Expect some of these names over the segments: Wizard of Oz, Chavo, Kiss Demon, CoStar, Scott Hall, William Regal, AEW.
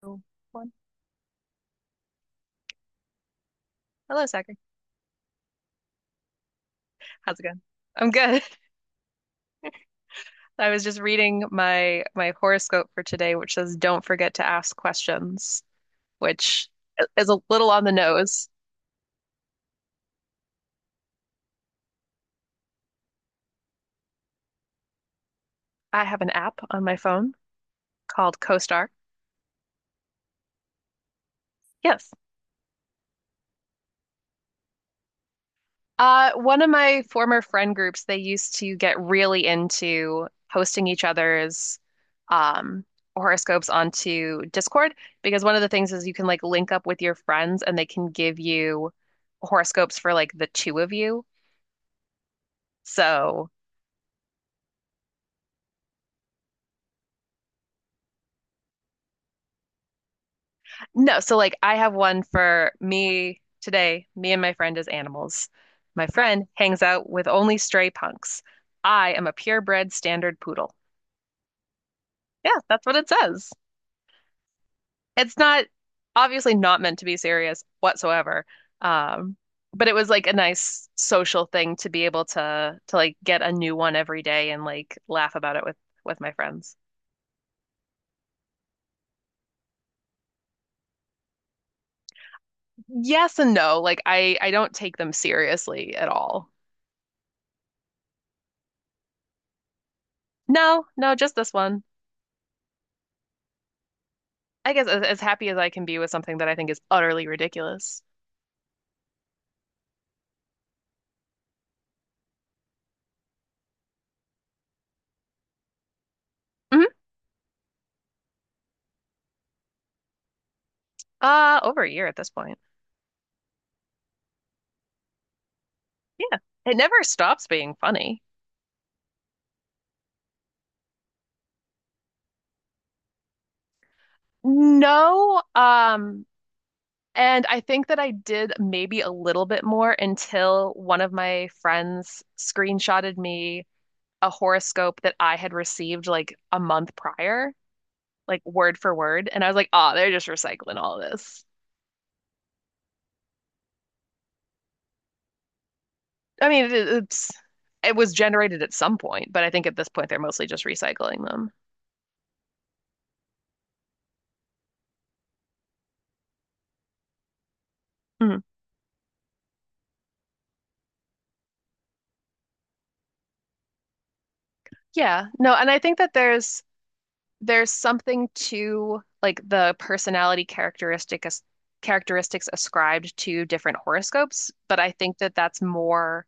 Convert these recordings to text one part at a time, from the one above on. Two, one. Hello, Zachary. How's it going? I'm good. I was just reading my horoscope for today, which says don't forget to ask questions, which is a little on the nose. I have an app on my phone called CoStar. Yes. One of my former friend groups, they used to get really into posting each other's um, horoscopes onto Discord because one of the things is you can like link up with your friends and they can give you horoscopes for like the two of you. So, no, so like I have one for me today. Me and my friend as animals. My friend hangs out with only stray punks. I am a purebred standard poodle. Yeah, that's what it says. It's not obviously not meant to be serious whatsoever. Um, but it was like a nice social thing to be able to like get a new one every day and like laugh about it with my friends. Yes and no. Like I don't take them seriously at all. No, no, just this one. I guess as happy as I can be with something that I think is utterly ridiculous. Mhm. Over a year at this point. Yeah. It never stops being funny. No, and I think that I did maybe a little bit more until one of my friends screenshotted me a horoscope that I had received like a month prior, like word for word, and I was like, ah, they're just recycling all this." I mean, it's it was generated at some point, but I think at this point they're mostly just recycling them. Mhm. Yeah, no, and I think that there's something to like the personality characteristic as characteristics ascribed to different horoscopes, but I think that that's more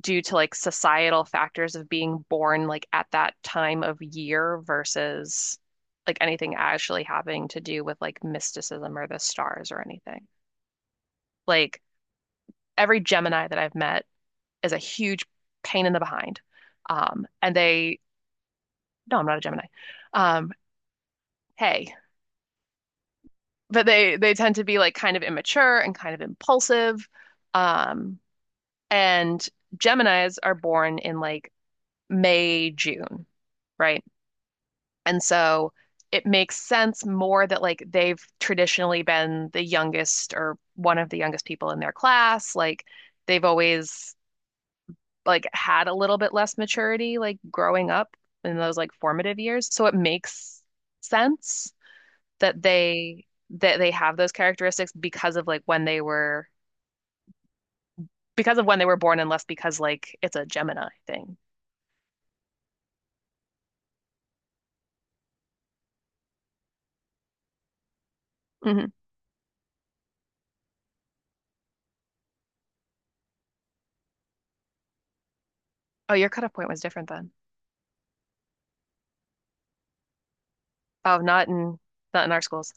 due to like societal factors of being born like at that time of year versus like anything actually having to do with like mysticism or the stars or anything. Like every Gemini that I've met is a huge pain in the behind. Um, and they, no, I'm not a Gemini. Um, Hey. But they tend to be like kind of immature and kind of impulsive. Um, and Geminis are born in like May, June, right? And so it makes sense more that like they've traditionally been the youngest or one of the youngest people in their class. Like they've always like had a little bit less maturity like growing up in those like formative years. So it makes sense that they have those characteristics because of like when they were because of when they were born and less because like it's a Gemini thing. hmm Oh, your cutoff point was different then. Oh, not in our schools.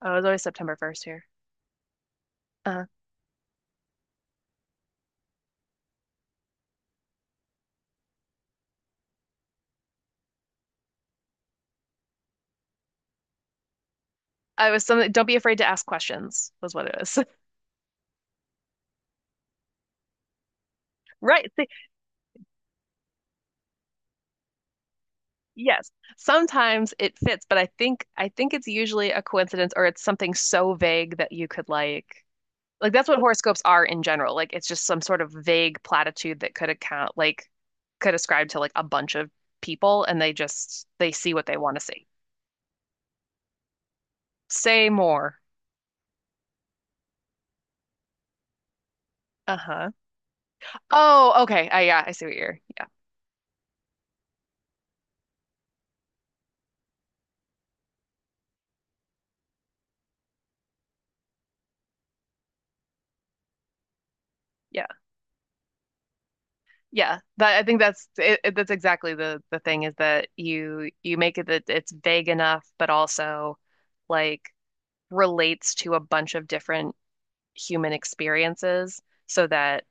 Oh, it was always September 1st here. Uh, I was something. Don't be afraid to ask questions was what it was. Right. See, yes. Sometimes it fits, but I think it's usually a coincidence or it's something so vague that you could like. Like that's what horoscopes are in general. Like it's just some sort of vague platitude that could account like could ascribe to like a bunch of people and they just they see what they want to see. Say more. Uh-huh. Oh, okay. I yeah, I see what you're. Yeah. Yeah. Yeah. That I think that's that's exactly the thing is that you make it that it's vague enough but also like relates to a bunch of different human experiences so that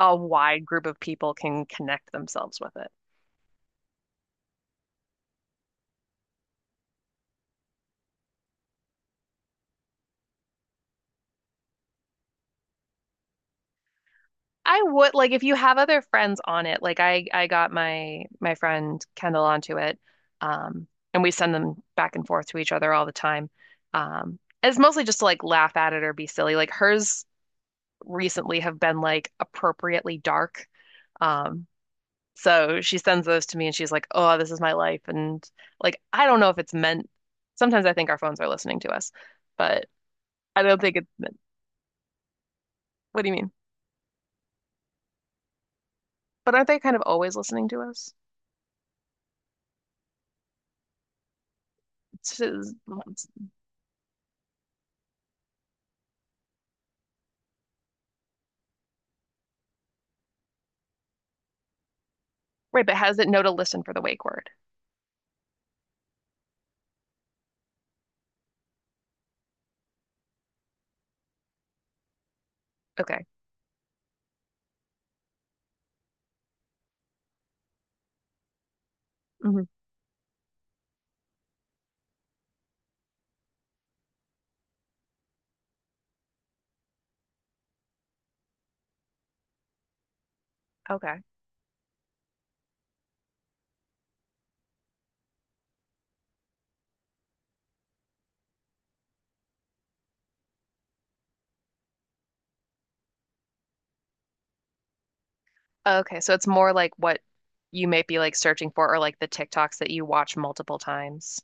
a wide group of people can connect themselves with it. I would like if you have other friends on it. Like I got my friend Kendall onto it. Um and we send them back and forth to each other all the time. And it's mostly just to like laugh at it or be silly. Like hers recently have been like appropriately dark. Um so she sends those to me and she's like, "Oh, this is my life." And like I don't know if it's meant sometimes I think our phones are listening to us, but I don't think it's meant. What do you mean? But aren't they kind of always listening to us? It's- Right, but how does it know to listen for the wake word? Okay. hmm Okay. Okay. So it's more like what you might be like searching for or like the TikToks that you watch multiple times.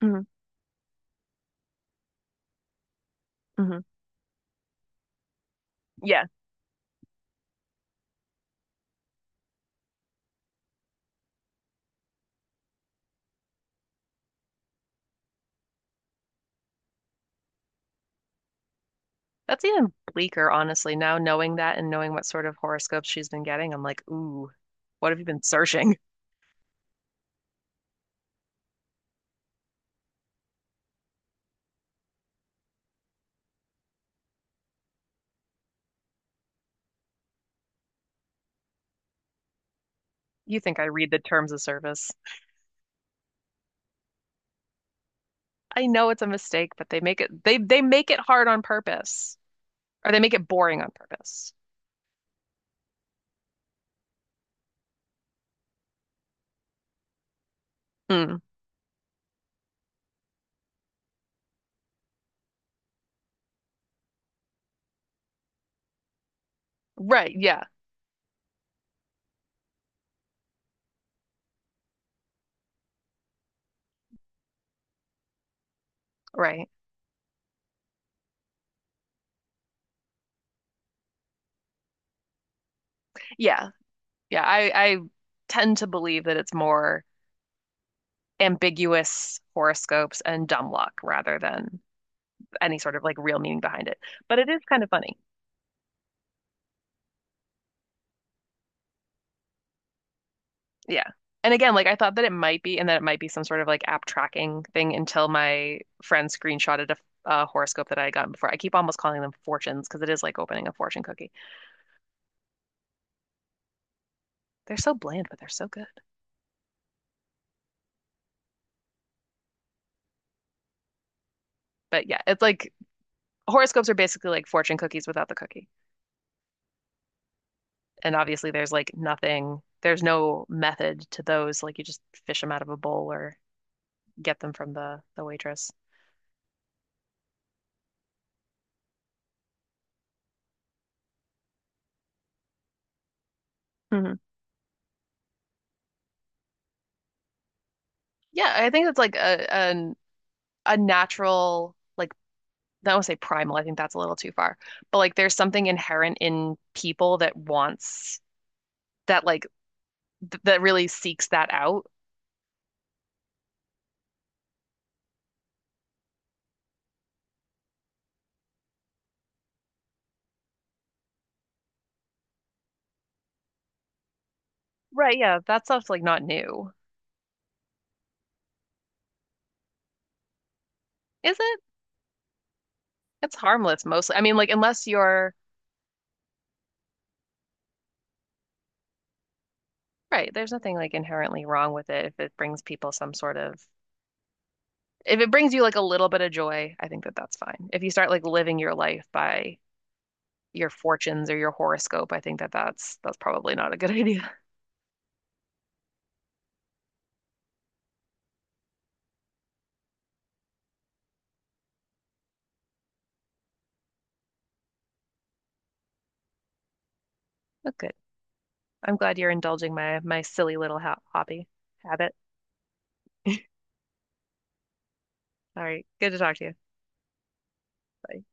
hmm hmm Yeah. That's even bleaker, honestly. Now knowing that and knowing what sort of horoscopes she's been getting, I'm like, ooh, what have you been searching? You think I read the terms of service. I know it's a mistake, but they make it hard on purpose. Or they make it boring on purpose. Mm. Right, yeah. Right. Yeah. Yeah, I tend to believe that it's more ambiguous horoscopes and dumb luck rather than any sort of like real meaning behind it. But it is kind of funny. Yeah. And again, like I thought that it might be, and that it might be some sort of like app tracking thing until my friend screenshotted a horoscope that I had gotten before. I keep almost calling them fortunes because it is like opening a fortune cookie. They're so bland, but they're so good. But yeah, it's like horoscopes are basically like fortune cookies without the cookie. And obviously there's like nothing, there's no method to those. Like you just fish them out of a bowl or get them from the waitress. hmm Yeah, I think that's like a natural like I don't want to say primal. I think that's a little too far. But like there's something inherent in people that wants that like th that really seeks that out. Right, yeah, that stuff's like not new. Is it? It's harmless mostly. I mean, like unless you're right, there's nothing like inherently wrong with it if it brings people some sort of. If it brings you like a little bit of joy, I think that that's fine. If you start like living your life by your fortunes or your horoscope, I think that that's probably not a good idea. But good. I'm glad you're indulging my my silly little ha hobby habit. All right. Good to talk to you. Bye.